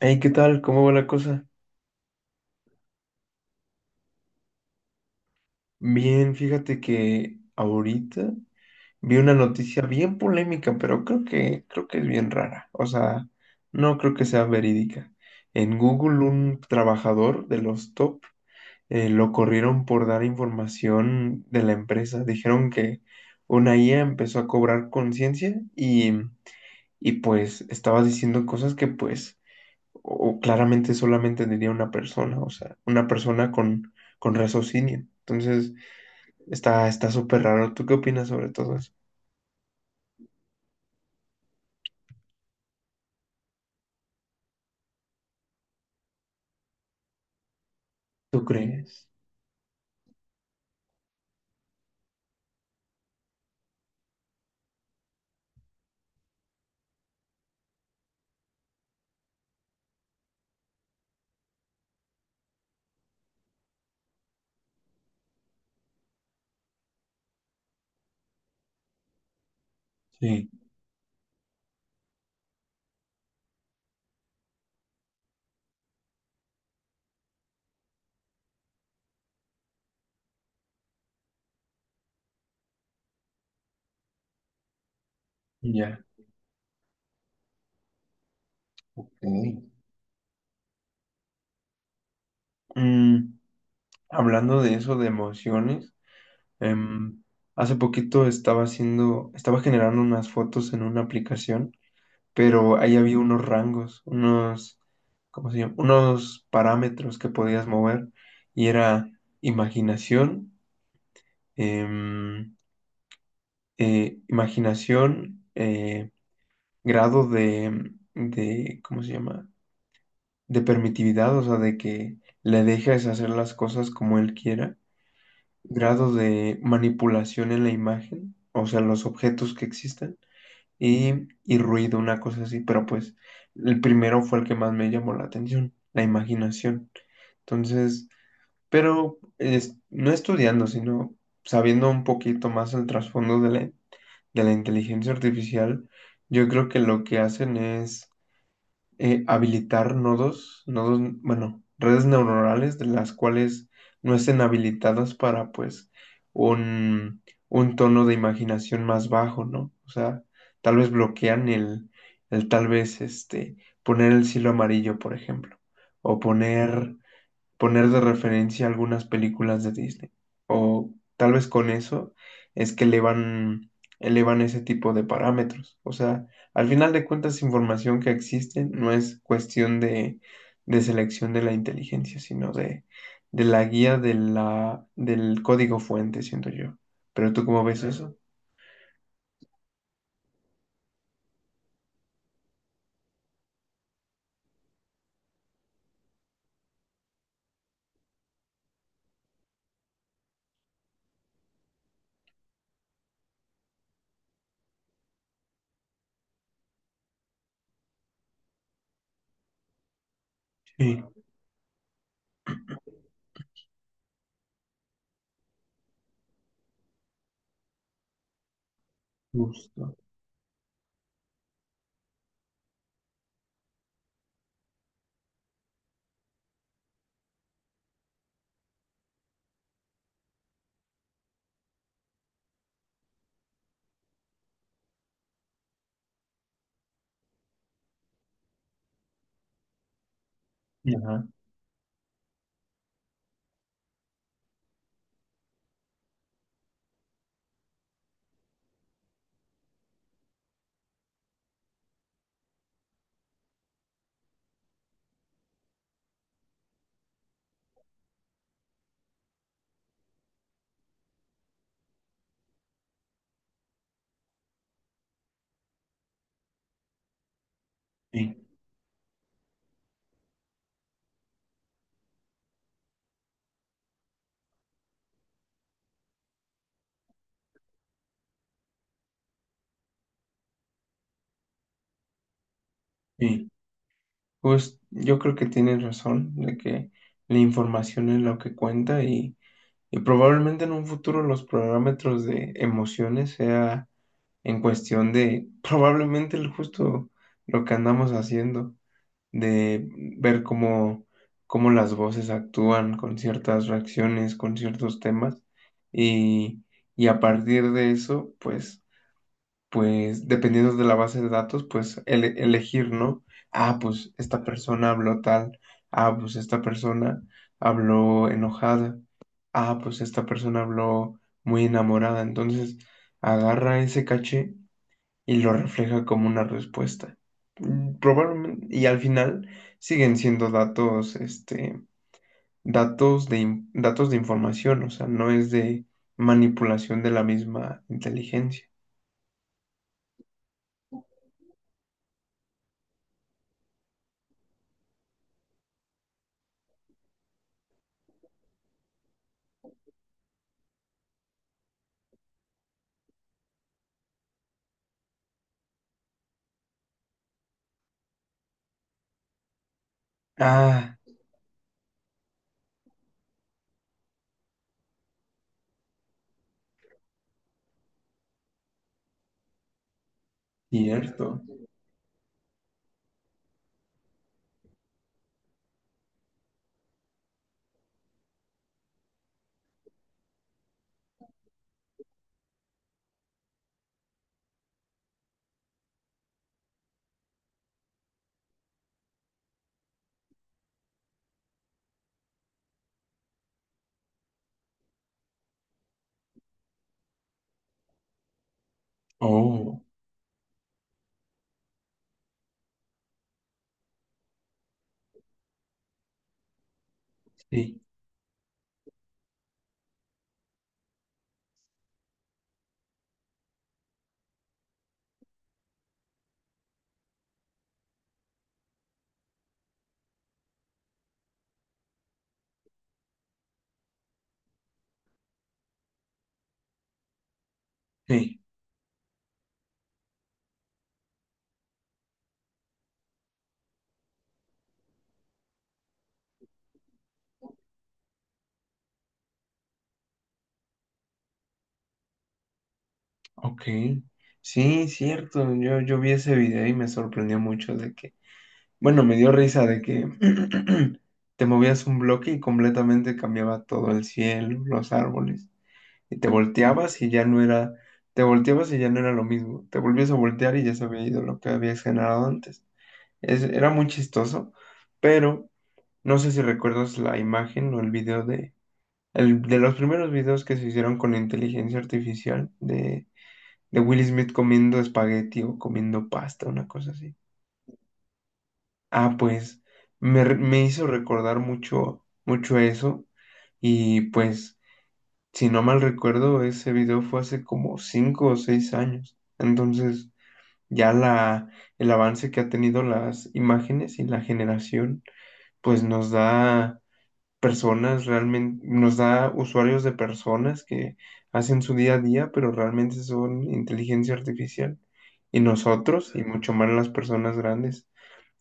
Hey, ¿qué tal? ¿Cómo va la cosa? Bien, fíjate que ahorita vi una noticia bien polémica, pero creo que es bien rara. O sea, no creo que sea verídica. En Google, un trabajador de los top lo corrieron por dar información de la empresa. Dijeron que una IA empezó a cobrar conciencia y pues estaba diciendo cosas que pues o claramente solamente diría una persona, o sea, una persona con raciocinio. Entonces, está súper raro. ¿Tú qué opinas sobre todo eso? ¿Tú crees? Sí, ya, sí. Mm, hablando de eso, de emociones, em, hace poquito estaba generando unas fotos en una aplicación, pero ahí había unos rangos, unos, ¿cómo se llama? Unos parámetros que podías mover y era imaginación, em, imaginación, grado de, ¿cómo se llama? De permitividad, o sea, de que le dejes hacer las cosas como él quiera, grado de manipulación en la imagen, o sea, los objetos que existen, y ruido, una cosa así, pero pues el primero fue el que más me llamó la atención, la imaginación. Entonces, pero no estudiando, sino sabiendo un poquito más el trasfondo de la inteligencia artificial, yo creo que lo que hacen es habilitar nodos, nodos, bueno, redes neuronales de las cuales no estén habilitadas para pues un, un tono de imaginación más bajo, ¿no? O sea, tal vez bloquean el tal vez este, poner el cielo amarillo, por ejemplo, o mm, poner poner de referencia algunas películas de Disney. O tal vez con eso es que elevan, elevan ese tipo de parámetros. O sea, al final de cuentas, información que existe no es cuestión de selección de la inteligencia, sino de la guía de la, del código fuente, siento yo. ¿Pero tú cómo ves eso? Sí, justo. Ajá, sí, sí. Pues yo creo que tienes razón de que la información es lo que cuenta y probablemente en un futuro los parámetros de emociones sea en cuestión de probablemente el justo lo que andamos haciendo, de ver cómo, cómo las voces actúan con ciertas reacciones, con ciertos temas, y, y a partir de eso, pues, pues, dependiendo de la base de datos, pues elegir, ¿no? Ah, pues esta persona habló tal, ah, pues esta persona habló enojada, ah, pues esta persona habló muy enamorada, entonces agarra ese caché y lo refleja como una respuesta. Mm, probablemente, y al final siguen siendo datos, este, datos datos de información, o sea, no es de manipulación de la misma inteligencia. Ah, cierto. Oh, sí, sí, ok. Sí, cierto. Yo vi ese video y me sorprendió mucho de que bueno, me dio risa de que te movías un bloque y completamente cambiaba todo el cielo, los árboles. Y te volteabas y ya no era, te volteabas y ya no era lo mismo. Te volvías a voltear y ya se había ido lo que habías generado antes. Era muy chistoso, pero no sé si recuerdas la imagen o el video de, el, de los primeros videos que se hicieron con inteligencia artificial de Will Smith comiendo espagueti o comiendo pasta, una cosa así. Ah, pues me hizo recordar mucho, mucho eso. Y pues, si no mal recuerdo, ese video fue hace como 5 o 6 años. Entonces, ya la, el avance que ha tenido las imágenes y la generación, pues nos da personas realmente, nos da usuarios de personas que hacen su día a día, pero realmente son inteligencia artificial. Y nosotros, y mucho más las personas grandes,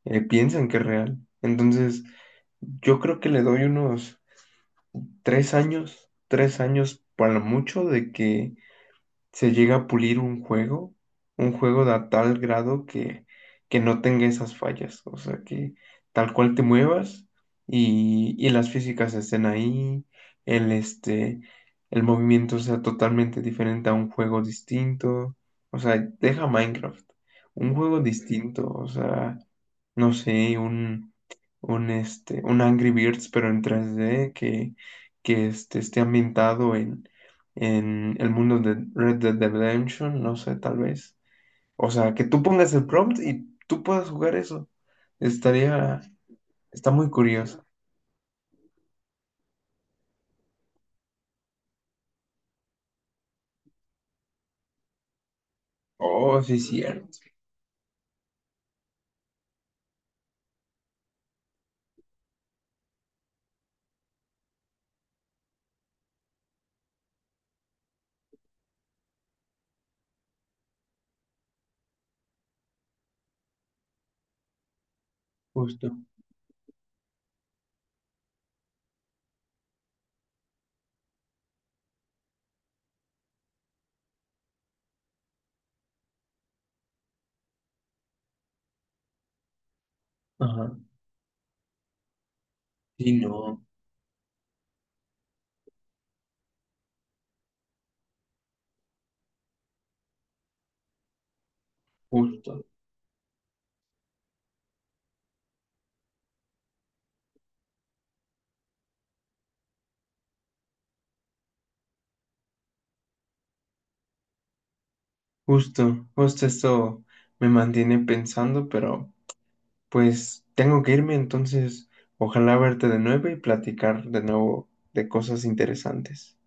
piensan que es real. Entonces, yo creo que le doy unos 3 años, 3 años para lo mucho de que se llega a pulir un juego de a tal grado que no tenga esas fallas, o sea, que tal cual te muevas y las físicas estén ahí, el, este, el movimiento sea totalmente diferente a un juego distinto, o sea, deja Minecraft, un juego distinto, o sea, no sé, un, este, un Angry Birds, pero en 3D que este, esté ambientado en el mundo de Red Dead Redemption, no sé, tal vez. O sea, que tú pongas el prompt y tú puedas jugar eso. Estaría, está muy curioso. Oh, sí, cierto. Justo. Ajá. Sí, no, justo. Justo, justo esto me mantiene pensando, pero pues tengo que irme, entonces ojalá verte de nuevo y platicar de nuevo de cosas interesantes.